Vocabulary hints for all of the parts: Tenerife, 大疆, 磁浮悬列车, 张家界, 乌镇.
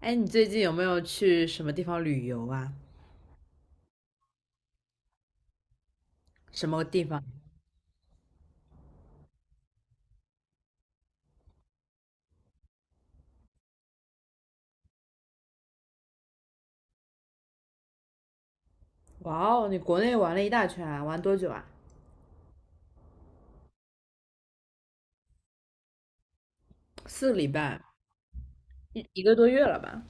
哎，你最近有没有去什么地方旅游啊？什么地方？哇哦，你国内玩了一大圈啊，玩多久啊？四个礼拜。一个多月了吧？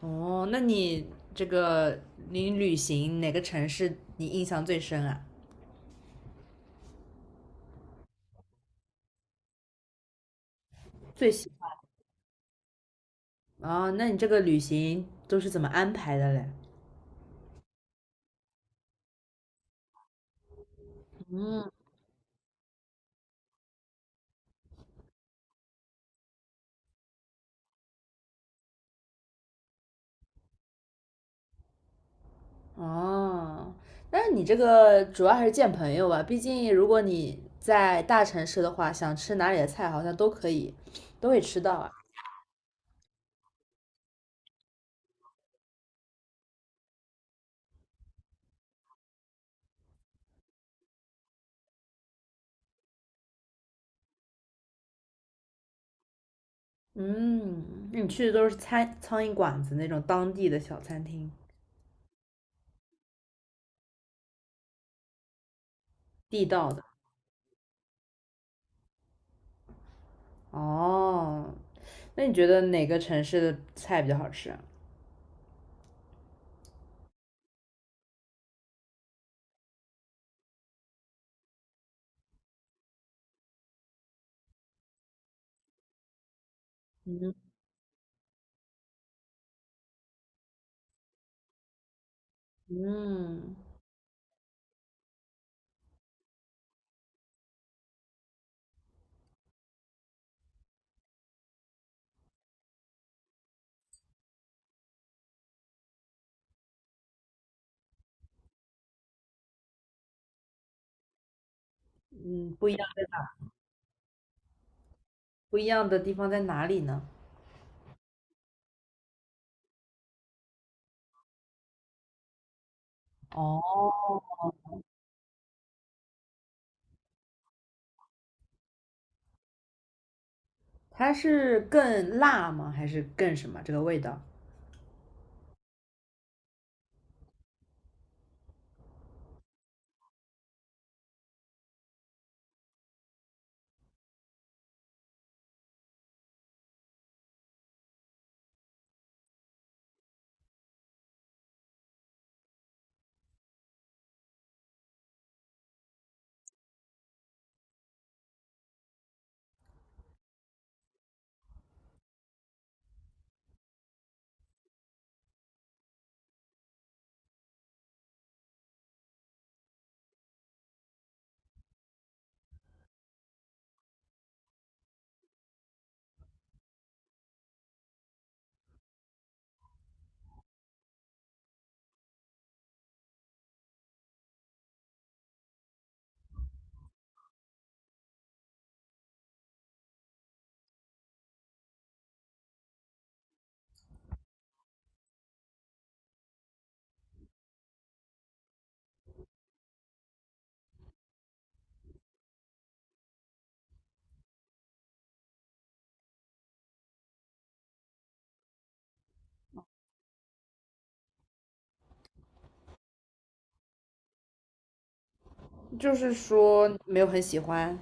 哦，那你这个你旅行哪个城市你印象最深啊？最喜欢哦，那你这个旅行都是怎么安排的嘞？哦，那你这个主要还是见朋友吧，毕竟如果你在大城市的话，想吃哪里的菜好像都可以，都会吃到啊。嗯，那你去的都是餐苍蝇馆子那种当地的小餐厅，地道的。哦，那你觉得哪个城市的菜比较好吃啊？嗯嗯嗯，不一样在哪？不一样的地方在哪里呢？哦，它是更辣吗？还是更什么？这个味道？就是说没有很喜欢，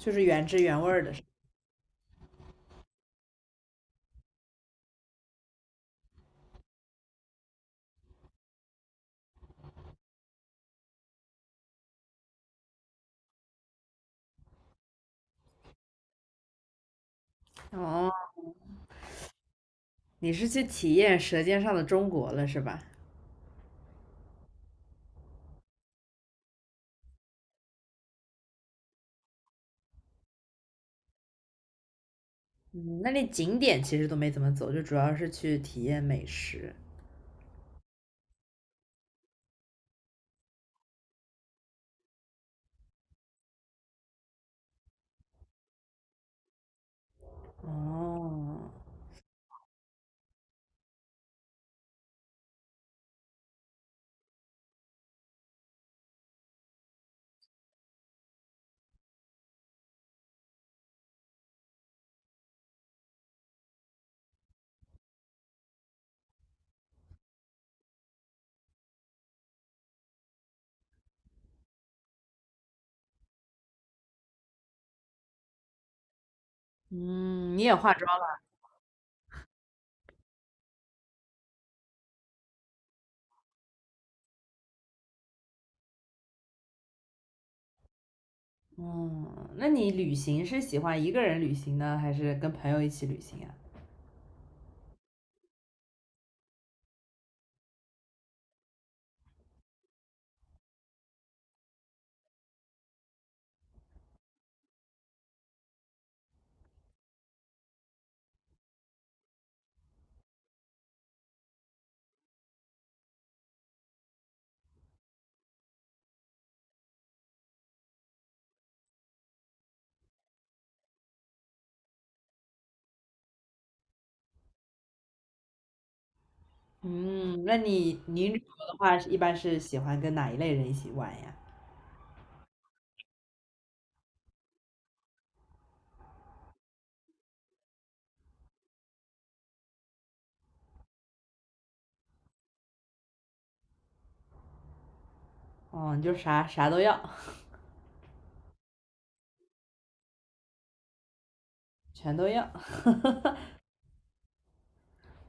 就是原汁原味儿的是吧。哦，你是去体验《舌尖上的中国》了是吧？嗯，那里景点其实都没怎么走，就主要是去体验美食。哦，嗯，你也化妆了。嗯，那你旅行是喜欢一个人旅行呢，还是跟朋友一起旅行啊？嗯，那你你旅游的话，一般是喜欢跟哪一类人一起玩呀？哦，你就啥啥都要，全都要。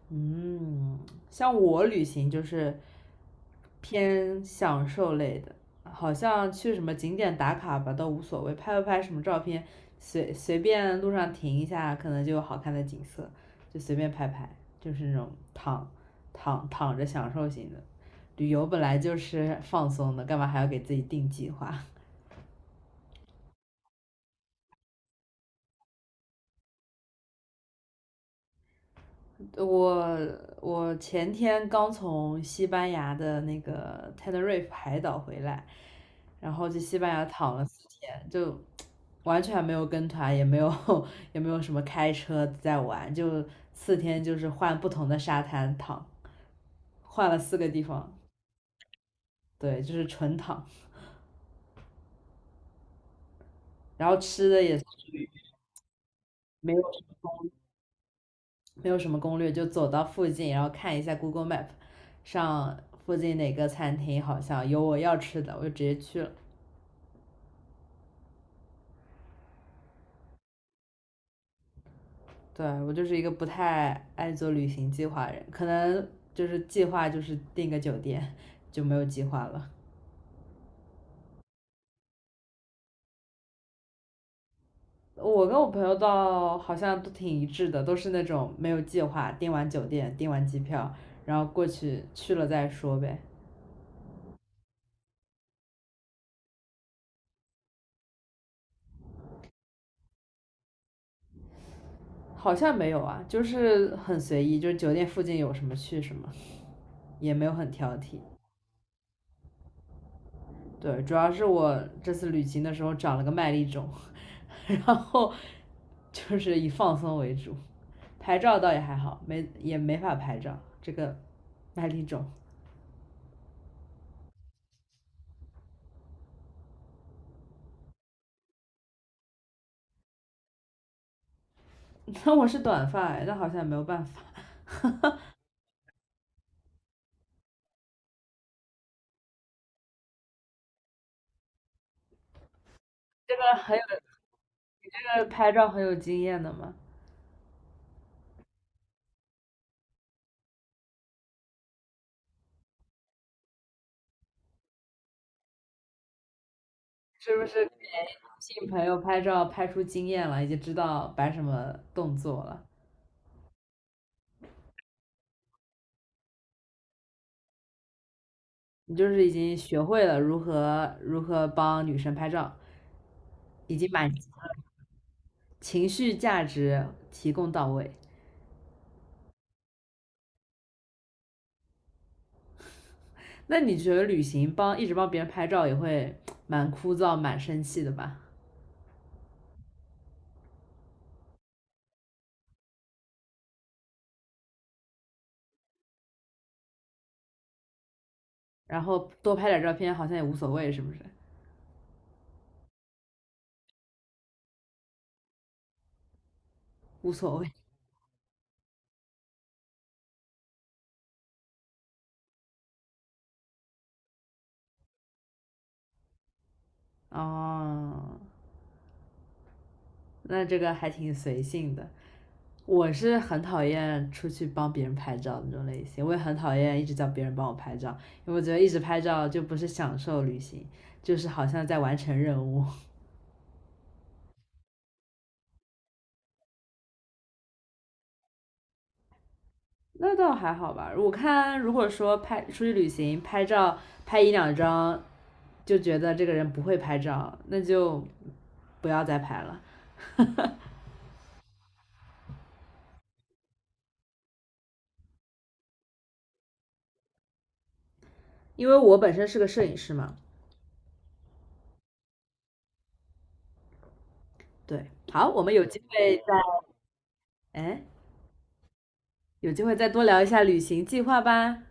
嗯，像我旅行就是偏享受类的，好像去什么景点打卡吧都无所谓，拍不拍什么照片，随随便路上停一下，可能就有好看的景色，就随便拍拍，就是那种躺着享受型的。旅游本来就是放松的，干嘛还要给自己定计划？我我前天刚从西班牙的那个 Tenerife 海岛回来，然后去西班牙躺了四天，就完全没有跟团，也没有 也没有什么开车在玩，就4天就是换不同的沙滩躺，换了4个地方。对，就是纯躺，然后吃的也没有没有什么攻略，就走到附近，然后看一下 Google Map，上附近哪个餐厅好像有我要吃的，我就直接去了。对，我就是一个不太爱做旅行计划的人，可能就是计划就是订个酒店就没有计划了。我跟我朋友倒好像都挺一致的，都是那种没有计划，订完酒店，订完机票，然后过去去了再说呗。好像没有啊，就是很随意，就是酒店附近有什么去什么，也没有很挑剔。对，主要是我这次旅行的时候长了个麦粒肿，然后就是以放松为主，拍照倒也还好，没也没法拍照这个麦粒肿。那我是短发哎那好像也没有办法。这个很有，你这个拍照很有经验的嘛？是不是请朋友拍照拍出经验了，已经知道摆什么动作了？你就是已经学会了如何帮女生拍照，已经满级情绪价值提供到位。那你觉得旅行帮一直帮别人拍照也会蛮枯燥、蛮生气的吧？然后多拍点照片好像也无所谓，是不是？无所谓哦，那这个还挺随性的。我是很讨厌出去帮别人拍照那种类型，我也很讨厌一直叫别人帮我拍照，因为我觉得一直拍照就不是享受旅行，就是好像在完成任务。那倒还好吧。我看如果说拍出去旅行拍照拍一两张，就觉得这个人不会拍照，那就不要再拍了。因为我本身是个摄影师嘛。对，好，我们有机会再哎，有机会再多聊一下旅行计划吧。